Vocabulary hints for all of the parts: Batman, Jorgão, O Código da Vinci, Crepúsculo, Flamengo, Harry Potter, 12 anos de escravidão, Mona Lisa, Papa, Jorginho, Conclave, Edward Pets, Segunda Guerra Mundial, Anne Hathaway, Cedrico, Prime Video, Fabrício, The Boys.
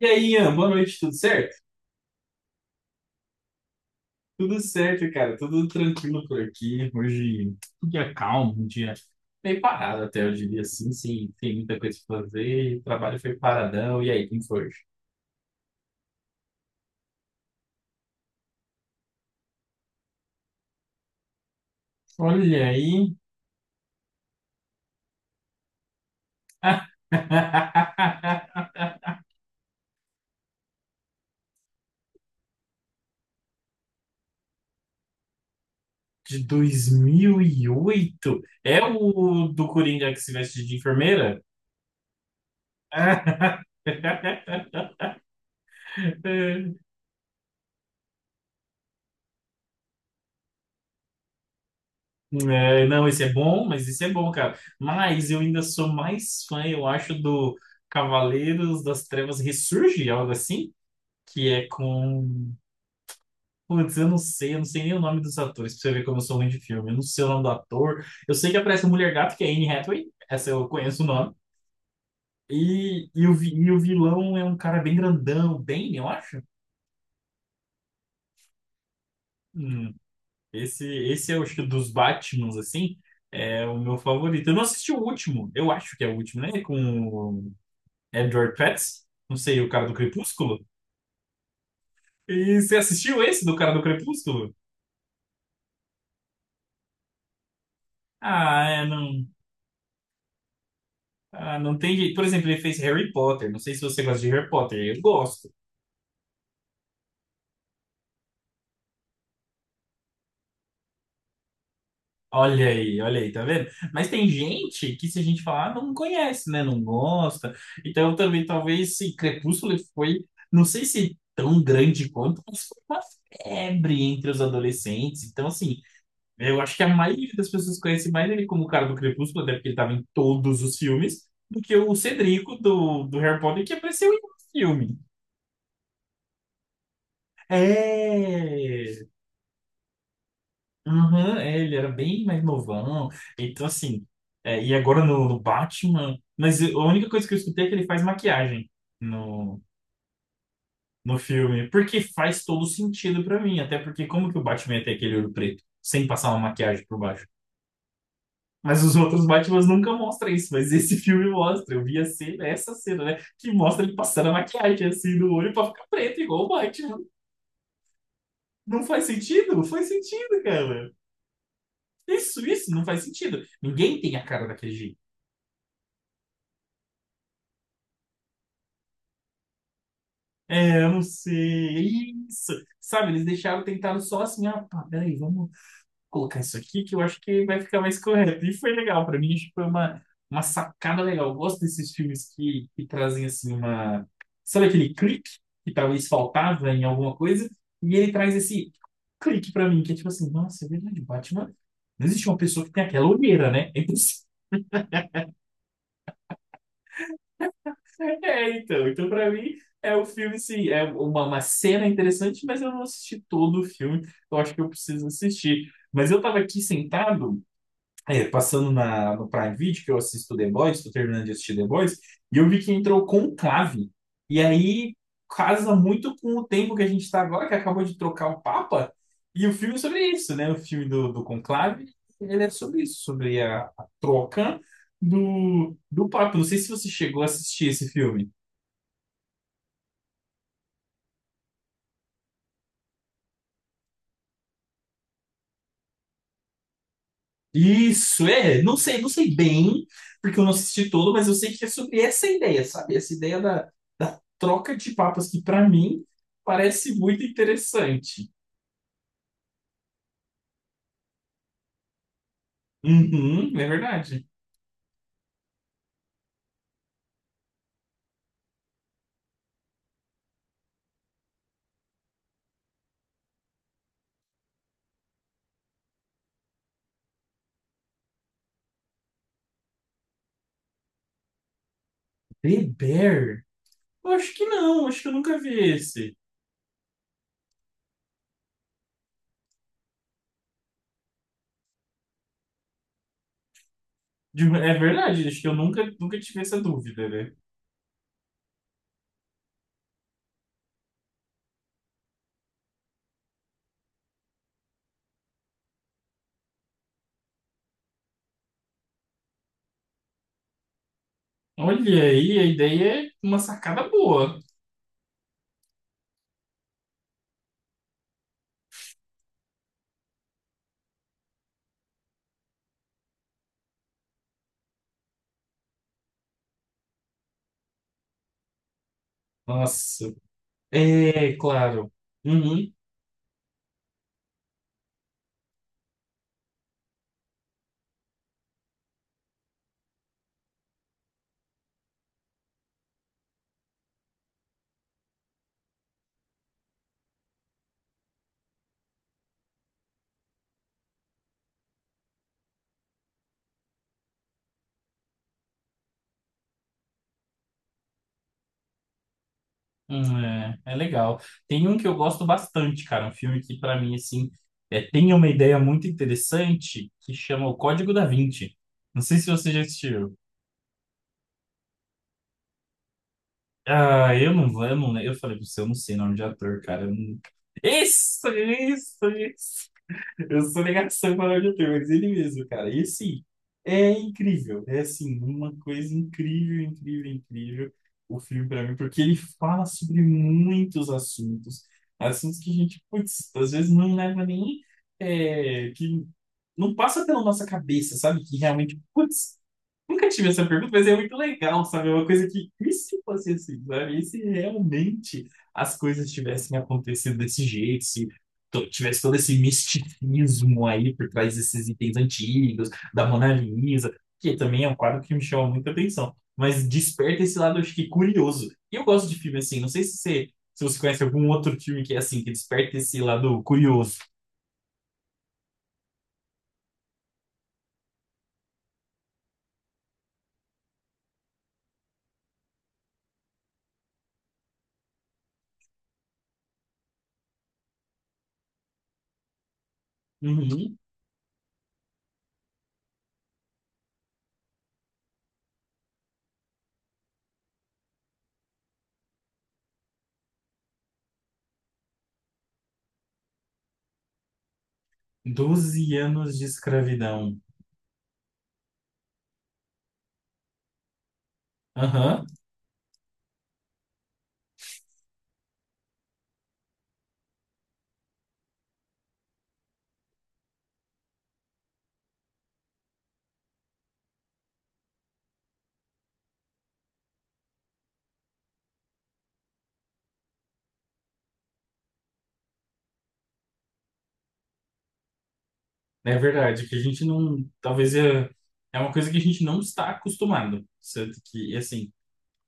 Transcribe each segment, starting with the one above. E aí, Ian, boa noite, tudo certo? Tudo certo, cara, tudo tranquilo por aqui. Hoje, um dia calmo, um dia meio parado até, eu diria assim, sim, tem muita coisa pra fazer, o trabalho foi paradão. E aí, quem foi hoje? Olha aí. De 2008. É o do Coringa que se veste de enfermeira? É, não, esse é bom, mas esse é bom, cara. Mas eu ainda sou mais fã, eu acho, do Cavaleiros das Trevas Ressurge, algo assim, que é com. Putz, eu não sei nem o nome dos atores, pra você ver como eu sou ruim de filme. Eu não sei o nome do ator. Eu sei que aparece a Mulher Gato, que é Anne Hathaway, essa eu conheço o nome. E o vilão é um cara bem grandão, bem, eu acho. Hum, esse é, eu acho que dos Batmans, assim. É o meu favorito. Eu não assisti o último, eu acho que é o último, né? Com Edward Pets, não sei, o cara do Crepúsculo. E você assistiu esse do cara do Crepúsculo? Ah, é, não. Ah, não tem jeito. Por exemplo, ele fez Harry Potter. Não sei se você gosta de Harry Potter. Eu gosto. Olha aí, tá vendo? Mas tem gente que, se a gente falar, não conhece, né? Não gosta. Então, também, talvez, se Crepúsculo foi, não sei se tão grande quanto, mas foi uma febre entre os adolescentes. Então, assim, eu acho que a maioria das pessoas conhece mais ele como o cara do Crepúsculo, até porque ele estava em todos os filmes, do que o Cedrico do Harry Potter, que apareceu em um filme. É! Aham, é, ele era bem mais novão. Então, assim, é, e agora no, no Batman. Mas a única coisa que eu escutei é que ele faz maquiagem no, no filme, porque faz todo sentido pra mim, até porque como que o Batman ia ter aquele olho preto sem passar uma maquiagem por baixo? Mas os outros Batmans nunca mostram isso, mas esse filme mostra. Eu vi a cena, essa cena, né? Que mostra ele passando a maquiagem assim no olho pra ficar preto, igual o Batman. Não faz sentido? Não faz sentido, cara. Isso, não faz sentido. Ninguém tem a cara daquele jeito. É, eu não sei. É isso. Sabe, eles deixaram, tentaram só assim, ah, pá, peraí, vamos colocar isso aqui que eu acho que vai ficar mais correto. E foi legal, pra mim, acho que foi uma sacada legal. Eu gosto desses filmes que trazem, assim, uma... Sabe aquele clique que talvez faltava em alguma coisa? E ele traz esse clique pra mim, que é tipo assim, nossa, é verdade, Batman... Não existe uma pessoa que tem aquela olheira, né? É impossível. É, então. Então, pra mim, é um filme, sim, é uma cena interessante, mas eu não assisti todo o filme. Eu acho que eu preciso assistir. Mas eu tava aqui sentado, é, passando na, no Prime Video, que eu assisto The Boys, tô terminando de assistir The Boys, e eu vi que entrou Conclave. E aí casa muito com o tempo que a gente tá agora, que acabou de trocar o Papa, e o filme é sobre isso, né? O filme do, do Conclave, ele é sobre isso, sobre a troca do, do Papa. Não sei se você chegou a assistir esse filme. Isso, é, não sei, não sei bem, porque eu não assisti todo, mas eu sei que é sobre essa ideia, sabe? Essa ideia da, da troca de papas, que pra mim parece muito interessante. Uhum, é verdade. The Bear? Eu acho que não, acho que eu nunca vi esse. De- é verdade, acho que eu nunca, nunca tive essa dúvida, né? Olha aí, a ideia é uma sacada boa. Nossa, é claro. Uhum. É, é legal. Tem um que eu gosto bastante, cara. Um filme que, pra mim, assim, é, tem uma ideia muito interessante que chama O Código da Vinci. Não sei se você já assistiu. Ah, eu não vou, eu não, eu falei pra você, eu não sei nome de ator, cara. Eu não- isso, isso, isso. Eu sou negação para o auditor, mas ele mesmo, cara. E assim, é incrível. É assim, uma coisa incrível, incrível, incrível o filme para mim, porque ele fala sobre muitos assuntos. Assuntos que a gente, putz, às vezes não leva nem. É, que não passa pela nossa cabeça, sabe? Que realmente, putz, nunca tive essa pergunta, mas é muito legal, sabe? É uma coisa que, e se fosse assim, sabe? E se realmente as coisas tivessem acontecido desse jeito, se tivesse todo esse misticismo aí por trás desses itens antigos, da Mona Lisa, que também é um quadro que me chama muita atenção, mas desperta esse lado, acho que curioso. E eu gosto de filme assim, não sei se você, se você conhece algum outro filme que é assim, que desperta esse lado curioso. Uhum. 12 anos de escravidão. Aham. É verdade, que a gente não. Talvez é, é uma coisa que a gente não está acostumado. Tanto que, assim,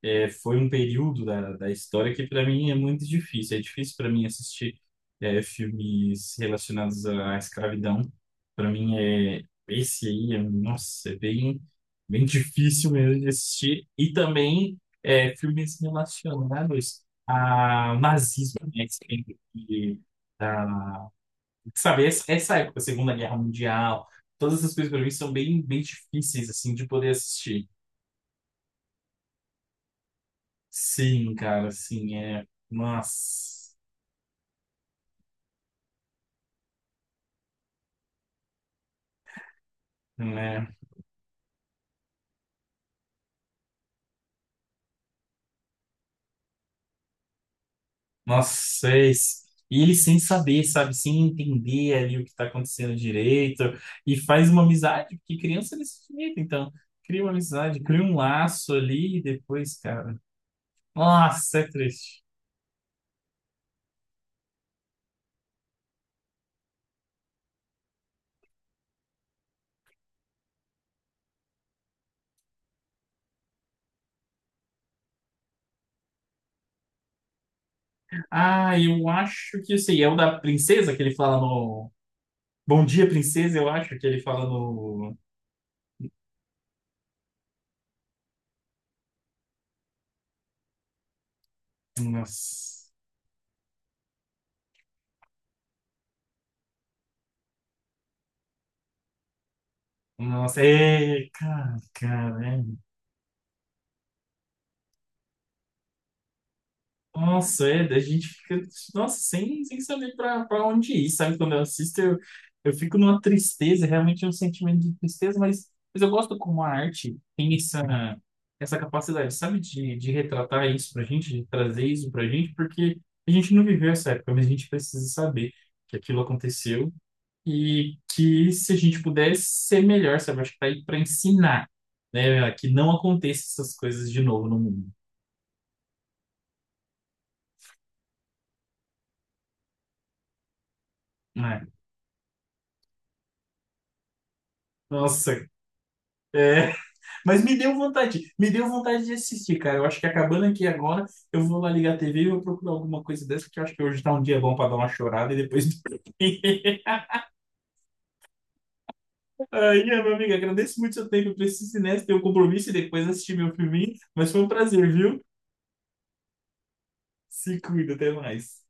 é, foi um período da, da história que, para mim, é muito difícil. É difícil para mim assistir é, filmes relacionados à escravidão. Para mim, é, esse aí, é, nossa, é bem, bem difícil mesmo de assistir. E também é, filmes relacionados ao nazismo, né? Que tem- que- da, sabe, essa época, Segunda Guerra Mundial, todas essas coisas pra mim são bem, bem difíceis, assim, de poder assistir. Sim, cara, assim, é. Nossa, né? Nossa, vocês. E ele sem saber, sabe? Sem entender ali o que tá acontecendo direito. E faz uma amizade, porque criança é desse jeito, então. Cria uma amizade, cria um laço ali e depois, cara. Nossa, é triste. Ah, eu acho que eu sei. É o da princesa que ele fala no. Bom dia, princesa, eu acho que ele fala no. Nossa, nossa, é. Cara, cara, é. Nossa, é, a gente fica, nossa, sem, sem saber pra, pra onde ir, sabe? Quando eu assisto, eu fico numa tristeza, realmente é um sentimento de tristeza, mas eu gosto como a arte tem essa, essa capacidade, sabe, de retratar isso pra gente, de trazer isso pra gente, porque a gente não viveu essa época, mas a gente precisa saber que aquilo aconteceu e que se a gente pudesse ser melhor, sabe? Acho que tá aí para ensinar, né? Que não aconteça essas coisas de novo no mundo, né? Nossa, é, mas me deu vontade de assistir, cara. Eu acho que acabando aqui agora, eu vou lá ligar a TV e vou procurar alguma coisa dessa, porque eu acho que hoje tá um dia bom para dar uma chorada e depois dormir. Ai, é, meu amigo, agradeço muito o seu tempo. Eu preciso ir nessa, ter um compromisso e depois assistir meu filminho, mas foi um prazer, viu? Se cuida, até mais.